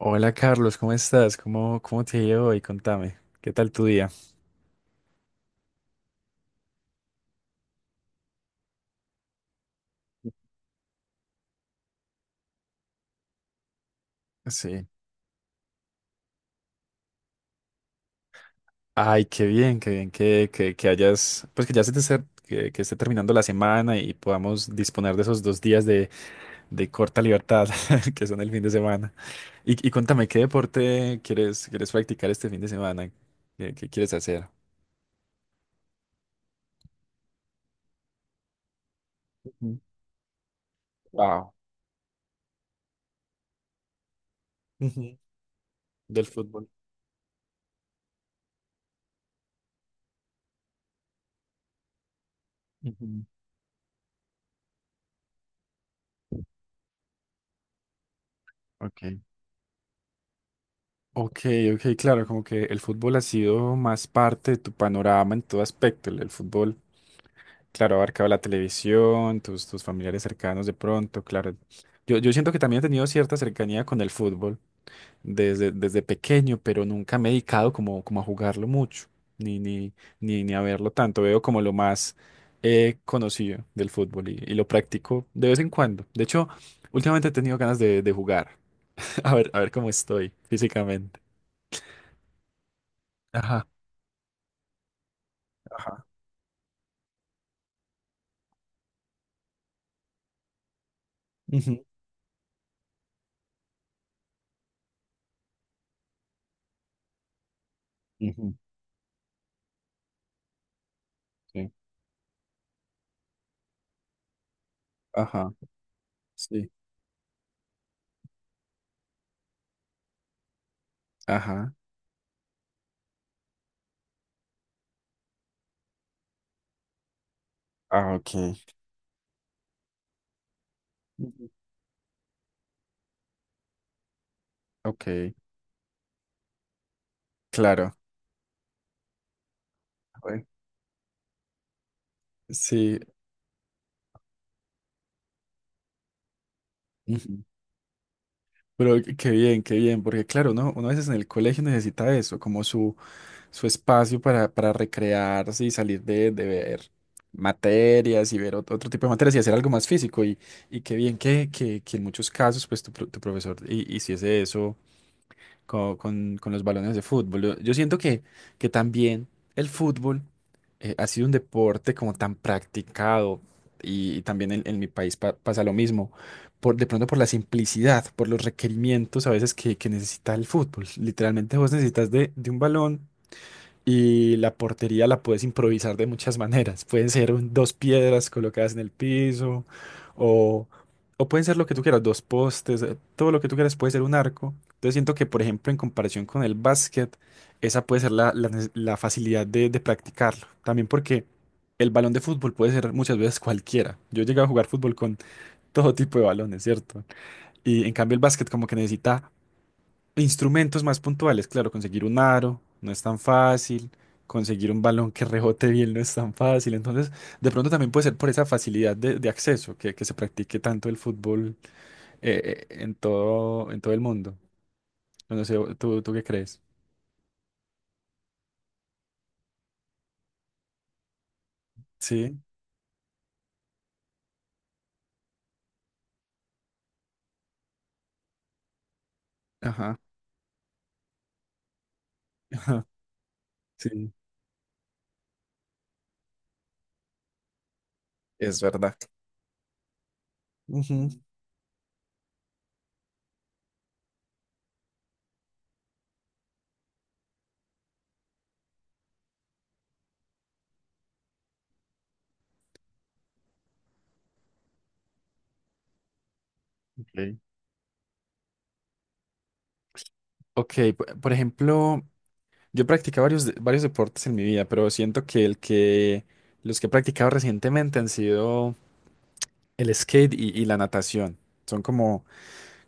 Hola Carlos, ¿cómo estás? ¿Cómo te ha ido hoy? Contame, ¿qué tal tu día? Sí. Ay, qué bien que hayas, pues que ya se te esté, que esté terminando la semana y podamos disponer de esos dos días de corta libertad que son el fin de semana. Y contame, ¿qué deporte quieres practicar este fin de semana? ¿Qué quieres hacer? Ujú. Wow. Ujú. Del fútbol. Ujú. Ok. Ok, ok, claro, como que el fútbol ha sido más parte de tu panorama en todo aspecto. El fútbol. Claro, abarcaba la televisión, tus familiares cercanos de pronto, claro. Yo siento que también he tenido cierta cercanía con el fútbol desde pequeño, pero nunca me he dedicado como a jugarlo mucho, ni, ni, ni a verlo tanto. Veo como lo más conocido del fútbol y lo practico de vez en cuando. De hecho, últimamente he tenido ganas de jugar, a ver cómo estoy físicamente. Ajá, ajá. Ujú, ujú, sí. Ajá, sí. Ajá. Ah, ok. Ujú. Ok. Claro, güey. Sí. Ujú. Pero qué qué bien, porque claro, ¿no? Uno a veces en el colegio necesita eso, como su espacio para recrearse y salir de ver materias y ver otro tipo de materias y hacer algo más físico. Y qué bien que en muchos casos, pues tu, tu profesor hiciese eso con los balones de fútbol. Yo siento que también el fútbol ha sido un deporte como tan practicado y también en mi país pasa lo mismo, por, de pronto por la simplicidad, por los requerimientos a veces que necesita el fútbol. Literalmente vos necesitas de un balón y la portería la puedes improvisar de muchas maneras. Pueden ser dos piedras colocadas en el piso o, o pueden ser lo que tú quieras, dos postes, todo lo que tú quieras puede ser un arco. Entonces siento que, por ejemplo, en comparación con el básquet, esa puede ser la la facilidad de practicarlo. También porque el balón de fútbol puede ser muchas veces cualquiera. Yo he llegado a jugar fútbol con todo tipo de balones, ¿cierto? Y en cambio el básquet como que necesita instrumentos más puntuales, claro, conseguir un aro no es tan fácil, conseguir un balón que rebote bien no es tan fácil, entonces de pronto también puede ser por esa facilidad de acceso que se practique tanto el fútbol en todo el mundo. No sé, ¿tú qué crees? Sí, ajá, ajá, sí, es verdad. Ujú. Ok. Ok, por ejemplo, yo practicado varios, varios deportes en mi vida, pero siento que el que los que he practicado recientemente han sido el skate y la natación son como,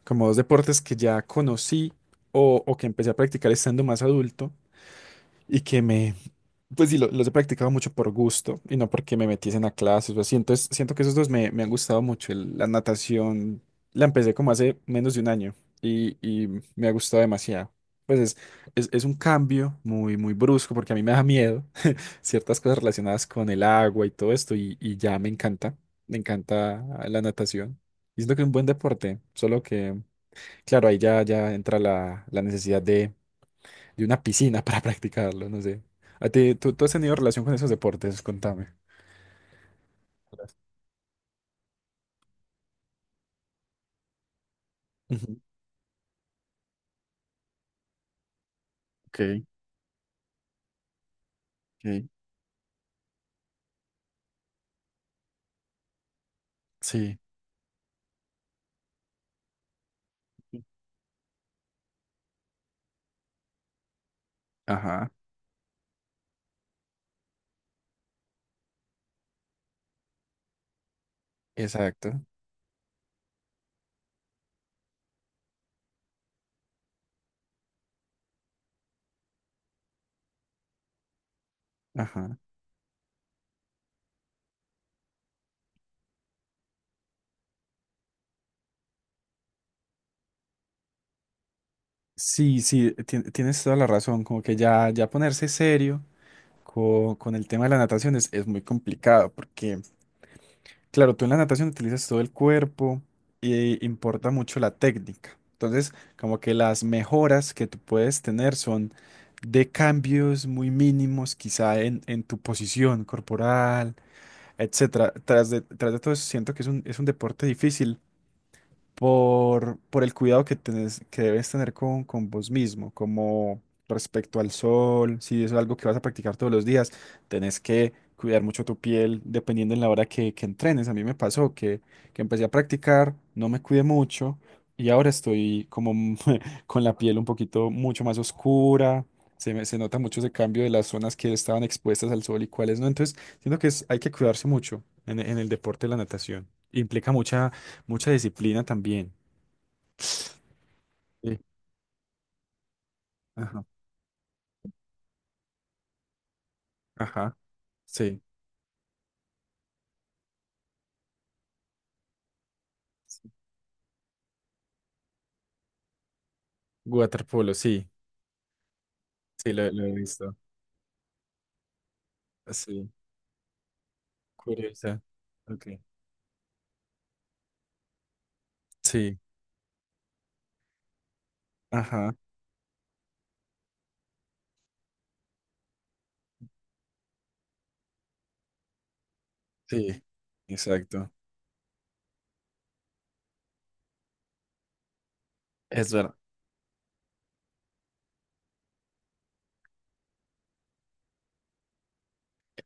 como dos deportes que ya conocí o que empecé a practicar estando más adulto y pues sí, los he practicado mucho por gusto y no porque me metiesen a clases o así. Entonces siento que esos dos me, me han gustado mucho. La natación la empecé como hace menos de un año y me ha gustado demasiado. Pues es un cambio muy, muy brusco porque a mí me da miedo ciertas cosas relacionadas con el agua y todo esto, y ya me encanta la natación. Y siento que es un buen deporte, solo que, claro, ahí ya, ya entra la, la necesidad de una piscina para practicarlo, no sé. ¿A ti, tú has tenido relación con esos deportes? Contame. Ujú. Ok, ok. Sí, ajá, exacto, ajá. Sí, sí, tienes toda la razón, como que ya, ya ponerse serio con, el tema de la natación es muy complicado, porque claro, tú en la natación utilizas todo el cuerpo y importa mucho la técnica. Entonces, como que las mejoras que tú puedes tener son de cambios muy mínimos, quizá en tu posición corporal, etcétera. Tras de todo eso, siento que es un deporte difícil por el cuidado que que debes tener con vos mismo, como respecto al sol, si es algo que vas a practicar todos los días, tenés que cuidar mucho tu piel dependiendo en la hora que entrenes. A mí me pasó que empecé a practicar, no me cuidé mucho y ahora estoy como con la piel un poquito mucho más oscura. Se se nota mucho ese cambio de las zonas que estaban expuestas al sol y cuáles no. Entonces, siento que hay que cuidarse mucho en el deporte de la natación. Implica mucha mucha disciplina también. Sí. Ajá, ajá, sí. Sí. Waterpolo, sí, sí, lo he visto. Sí, curiosa. Ok. Sí, ajá, sí, exacto. Es ver,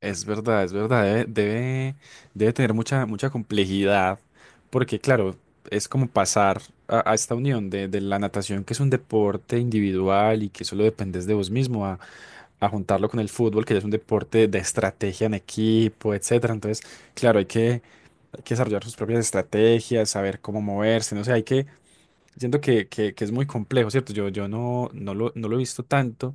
es verdad, es verdad. Debe, debe, debe tener mucha, mucha complejidad, porque claro, es como pasar a esta unión de la natación, que es un deporte individual y que solo dependes de vos mismo, a juntarlo con el fútbol, que ya es un deporte de estrategia en equipo, etcétera. Entonces, claro, hay que desarrollar sus propias estrategias, saber cómo moverse, no sé, hay que, siento que es muy complejo, ¿cierto? Yo no lo he visto tanto,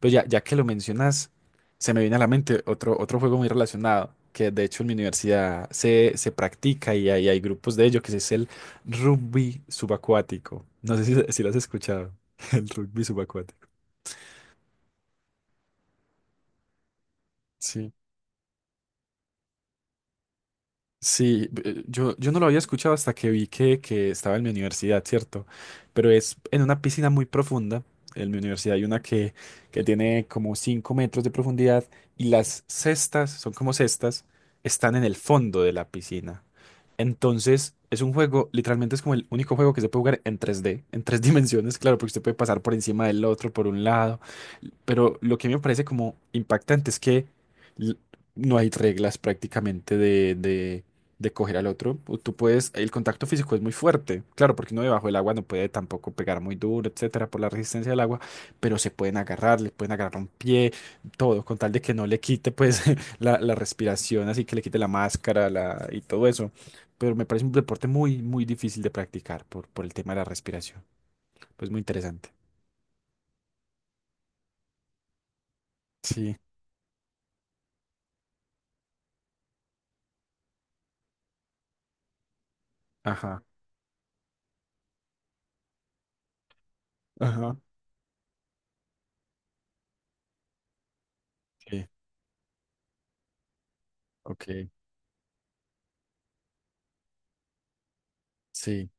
pero ya, ya que lo mencionas, se me viene a la mente otro, otro juego muy relacionado, que de hecho en mi universidad se practica y hay grupos de ello, que es el rugby subacuático. No sé si, si lo has escuchado, el rugby subacuático. Sí. Sí, yo no lo había escuchado hasta que vi que estaba en mi universidad, ¿cierto? Pero es en una piscina muy profunda. En mi universidad hay una que tiene como 5 metros de profundidad y las cestas, son como cestas, están en el fondo de la piscina. Entonces, es un juego, literalmente es como el único juego que se puede jugar en tres d en tres dimensiones, claro, porque usted puede pasar por encima del otro, por un lado. Pero lo que me parece como impactante es que l- no hay reglas prácticamente de coger al otro. O Tú puedes, el contacto físico es muy fuerte, claro, porque uno debajo del agua no puede tampoco pegar muy duro, etcétera, por la resistencia del agua, pero se pueden agarrar, le pueden agarrar un pie, todo, con tal de que no le quite pues la respiración, así que le quite la máscara y todo eso. Pero me parece un deporte muy, muy difícil de practicar por el tema de la respiración. Pues muy interesante. Sí, ajá, ajá, sí, ok, sí.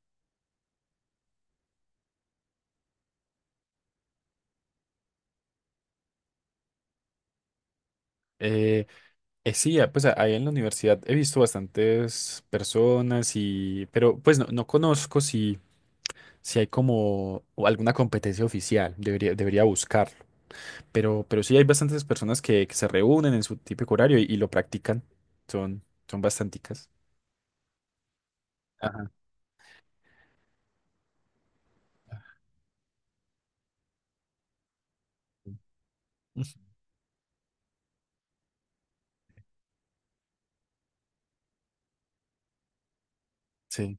Eh, sí, ah, pues ahí en la universidad he visto bastantes personas y, pero pues no, no conozco si, si hay como o alguna competencia oficial, debería, debería buscarlo, pero sí hay bastantes personas que se reúnen en su típico horario y lo practican, son, son bastanticas. Ajá. Sí,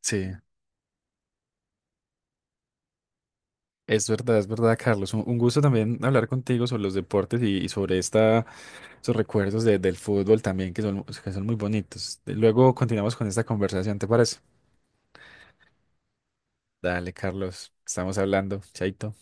sí, es verdad, Carlos, un gusto también hablar contigo sobre los deportes y sobre esta, esos recuerdos del fútbol también que son muy bonitos. Luego continuamos con esta conversación, ¿te parece? Dale, Carlos, estamos hablando. Chaito.